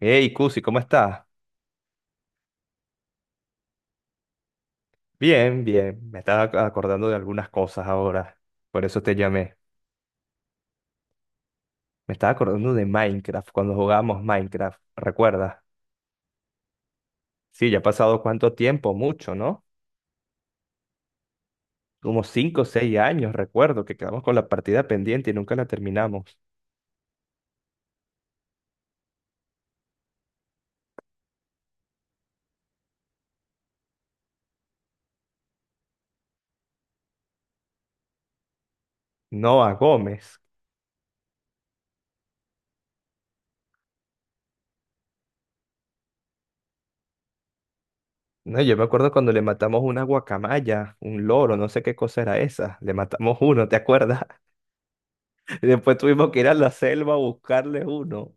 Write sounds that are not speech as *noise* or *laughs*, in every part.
Hey, Cusi, ¿cómo estás? Bien, bien. Me estaba acordando de algunas cosas ahora. Por eso te llamé. Me estaba acordando de Minecraft, cuando jugábamos Minecraft, ¿recuerdas? Sí, ya ha pasado cuánto tiempo, mucho, ¿no? Como 5 o 6 años, recuerdo, que quedamos con la partida pendiente y nunca la terminamos. No a Gómez. No, yo me acuerdo cuando le matamos una guacamaya, un loro, no sé qué cosa era esa. Le matamos uno, ¿te acuerdas? *laughs* Y después tuvimos que ir a la selva a buscarle uno.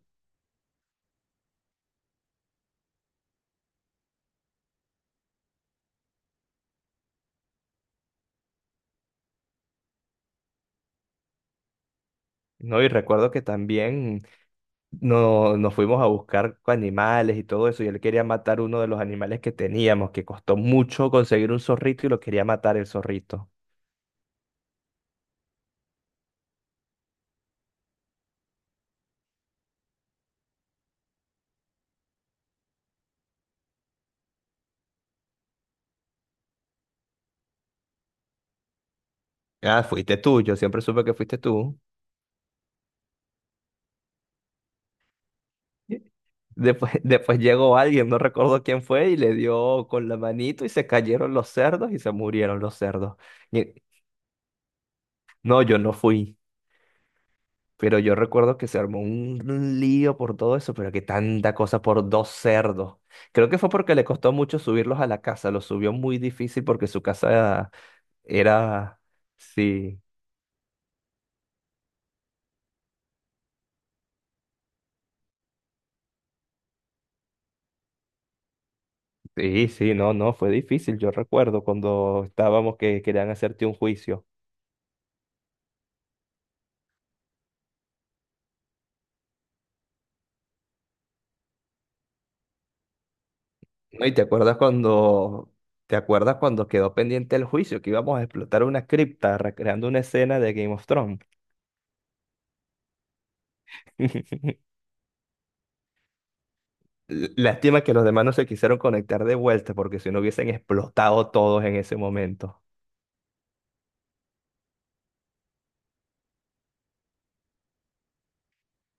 No, y recuerdo que también. No, nos fuimos a buscar animales y todo eso, y él quería matar uno de los animales que teníamos, que costó mucho conseguir un zorrito y lo quería matar el zorrito. Ah, fuiste tú, yo siempre supe que fuiste tú. Después, *laughs* después llegó alguien, no recuerdo quién fue, y le dio con la manito y se cayeron los cerdos y se murieron los cerdos. Y- no, yo no fui. Pero yo recuerdo que se armó un lío por todo eso, pero que tanta cosa por dos cerdos. Creo que fue porque le costó mucho subirlos a la casa, los subió muy difícil porque su casa era. Sí, sí, sí, no, no, fue difícil, yo recuerdo cuando estábamos que querían hacerte un juicio. No, y te acuerdas cuando. ¿Te acuerdas cuando quedó pendiente el juicio, que íbamos a explotar una cripta recreando una escena de Game of Thrones? *laughs* Lástima que los demás no se quisieron conectar de vuelta porque si no hubiesen explotado todos en ese momento.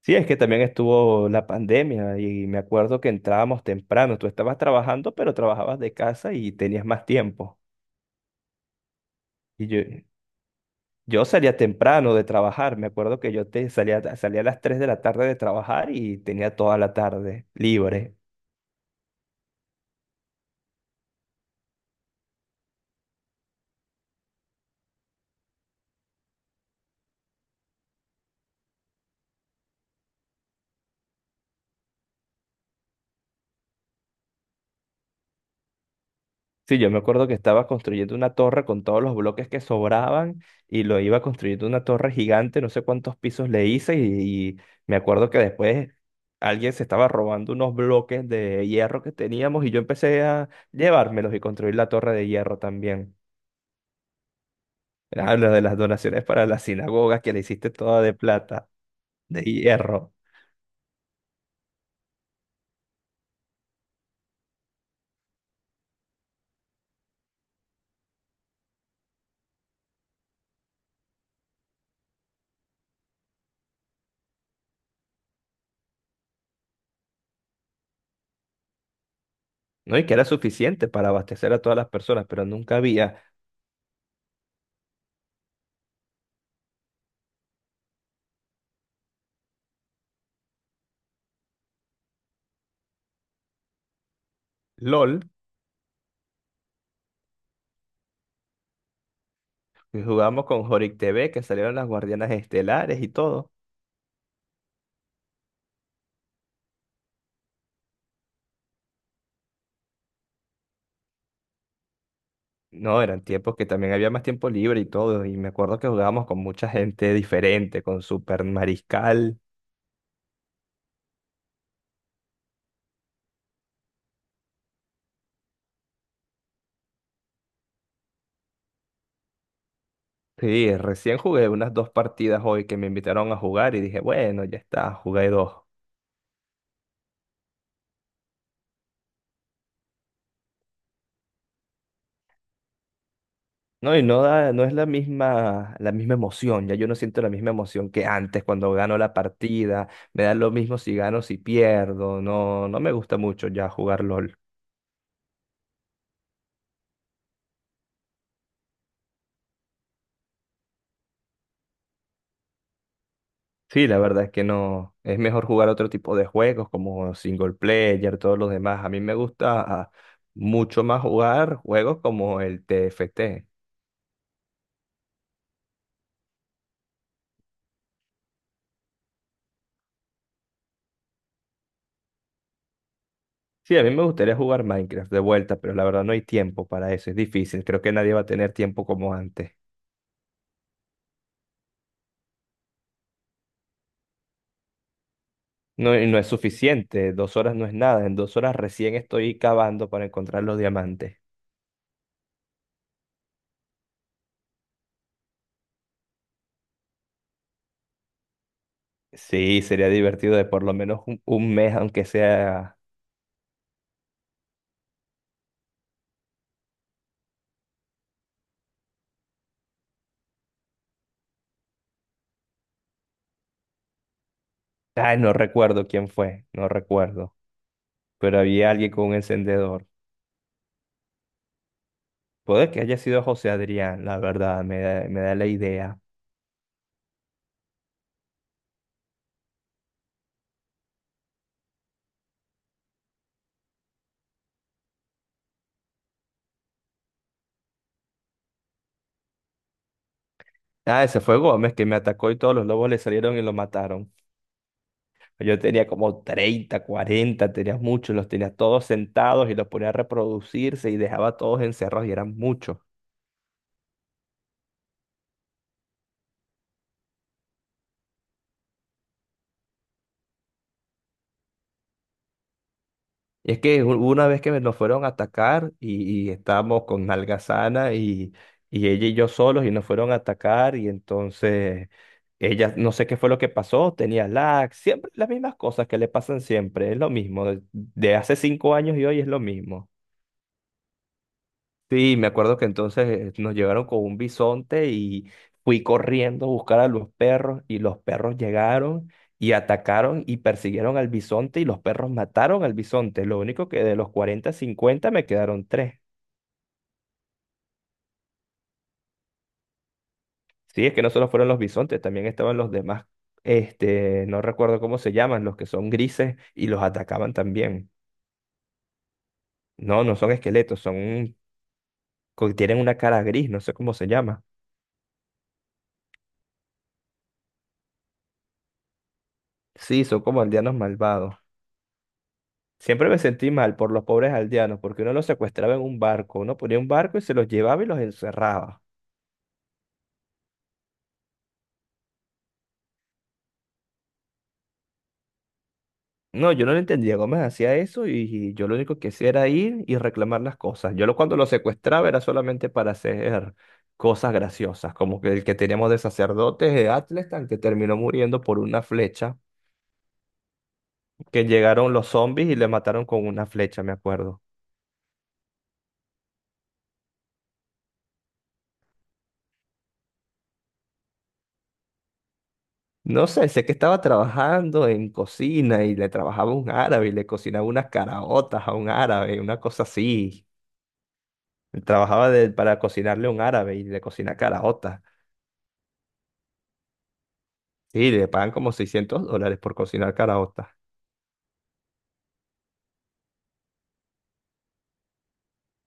Sí, es que también estuvo la pandemia y me acuerdo que entrábamos temprano. Tú estabas trabajando, pero trabajabas de casa y tenías más tiempo. Y yo salía temprano de trabajar. Me acuerdo que yo te salía a las 3 de la tarde de trabajar y tenía toda la tarde libre. Sí, yo me acuerdo que estaba construyendo una torre con todos los bloques que sobraban y lo iba construyendo una torre gigante, no sé cuántos pisos le hice y, y me acuerdo que después alguien se estaba robando unos bloques de hierro que teníamos y yo empecé a llevármelos y construir la torre de hierro también. Hablo de las donaciones para la sinagoga que le hiciste toda de plata, de hierro, ¿no? Y que era suficiente para abastecer a todas las personas, pero nunca había LOL. Y jugamos con Jorik TV, que salieron las Guardianas Estelares y todo. No, eran tiempos que también había más tiempo libre y todo, y me acuerdo que jugábamos con mucha gente diferente, con Super Mariscal. Sí, recién jugué unas dos partidas hoy que me invitaron a jugar y dije, bueno, ya está, jugué dos. No, y no da, no es la misma emoción, ya yo no siento la misma emoción que antes cuando gano la partida, me da lo mismo si gano, si pierdo, no, no me gusta mucho ya jugar LOL. Sí, la verdad es que no. Es mejor jugar otro tipo de juegos como single player, todos los demás. A mí me gusta mucho más jugar juegos como el TFT. Sí, a mí me gustaría jugar Minecraft de vuelta, pero la verdad no hay tiempo para eso. Es difícil. Creo que nadie va a tener tiempo como antes. No, y no es suficiente. 2 horas no es nada. En 2 horas recién estoy cavando para encontrar los diamantes. Sí, sería divertido de por lo menos un mes, aunque sea. Ay, no recuerdo quién fue. No recuerdo. Pero había alguien con un encendedor. Puede que haya sido José Adrián, la verdad, me da la idea. Ah, ese fue Gómez que me atacó y todos los lobos le salieron y lo mataron. Yo tenía como 30 40 tenía muchos, los tenía todos sentados y los ponía a reproducirse y dejaba a todos encerrados y eran muchos. Y es que una vez que nos fueron a atacar y estábamos con Algazana y ella y yo solos y nos fueron a atacar y entonces ella no sé qué fue lo que pasó, tenía lag, siempre las mismas cosas que le pasan siempre, es lo mismo, de hace 5 años y hoy es lo mismo. Sí, me acuerdo que entonces nos llevaron con un bisonte y fui corriendo a buscar a los perros y los perros llegaron y atacaron y persiguieron al bisonte y los perros mataron al bisonte. Lo único que de los 40 50 me quedaron tres. Sí, es que no solo fueron los bisontes, también estaban los demás, este, no recuerdo cómo se llaman, los que son grises y los atacaban también. No, no son esqueletos, son, tienen una cara gris, no sé cómo se llama. Sí, son como aldeanos malvados. Siempre me sentí mal por los pobres aldeanos, porque uno los secuestraba en un barco, uno ponía un barco y se los llevaba y los encerraba. No, yo no lo entendía cómo se hacía eso y yo lo único que hacía era ir y reclamar las cosas. Yo lo, cuando lo secuestraba era solamente para hacer cosas graciosas, como que el que teníamos de sacerdotes de Atlestan que terminó muriendo por una flecha, que llegaron los zombies y le mataron con una flecha, me acuerdo. No sé, sé que estaba trabajando en cocina y le trabajaba a un árabe y le cocinaba unas caraotas a un árabe, una cosa así. Trabajaba para cocinarle a un árabe y le cocina caraotas. Sí, le pagan como $600 por cocinar caraotas.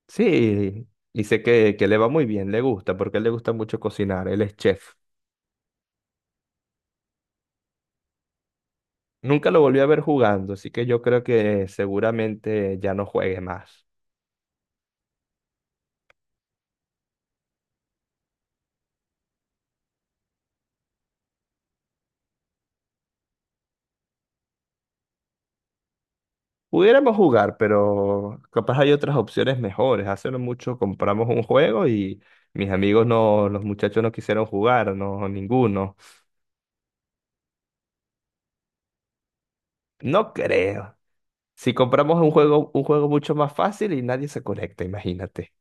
Sí, y sé que le va muy bien, le gusta, porque a él le gusta mucho cocinar, él es chef. Nunca lo volví a ver jugando, así que yo creo que seguramente ya no juegue más. Pudiéramos jugar, pero capaz hay otras opciones mejores. Hace no mucho compramos un juego y mis amigos no, los muchachos no quisieron jugar, no, ninguno. No creo. Si compramos un juego, mucho más fácil y nadie se conecta, imagínate.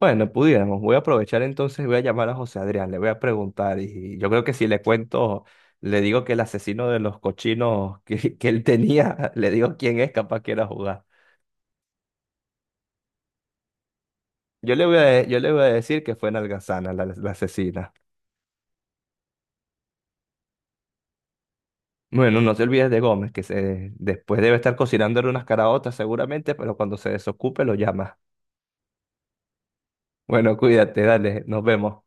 Bueno, pudiéramos. Voy a aprovechar entonces, voy a llamar a José Adrián, le voy a preguntar y yo creo que si le cuento, le digo que el asesino de los cochinos *laughs* que él tenía, *laughs* le digo quién es, capaz quiera jugar. Yo le voy a decir que fue Nalgazana, la asesina. Bueno, no te olvides de Gómez, que se, después debe estar cocinándole unas caraotas seguramente, pero cuando se desocupe lo llamas. Bueno, cuídate, dale, nos vemos.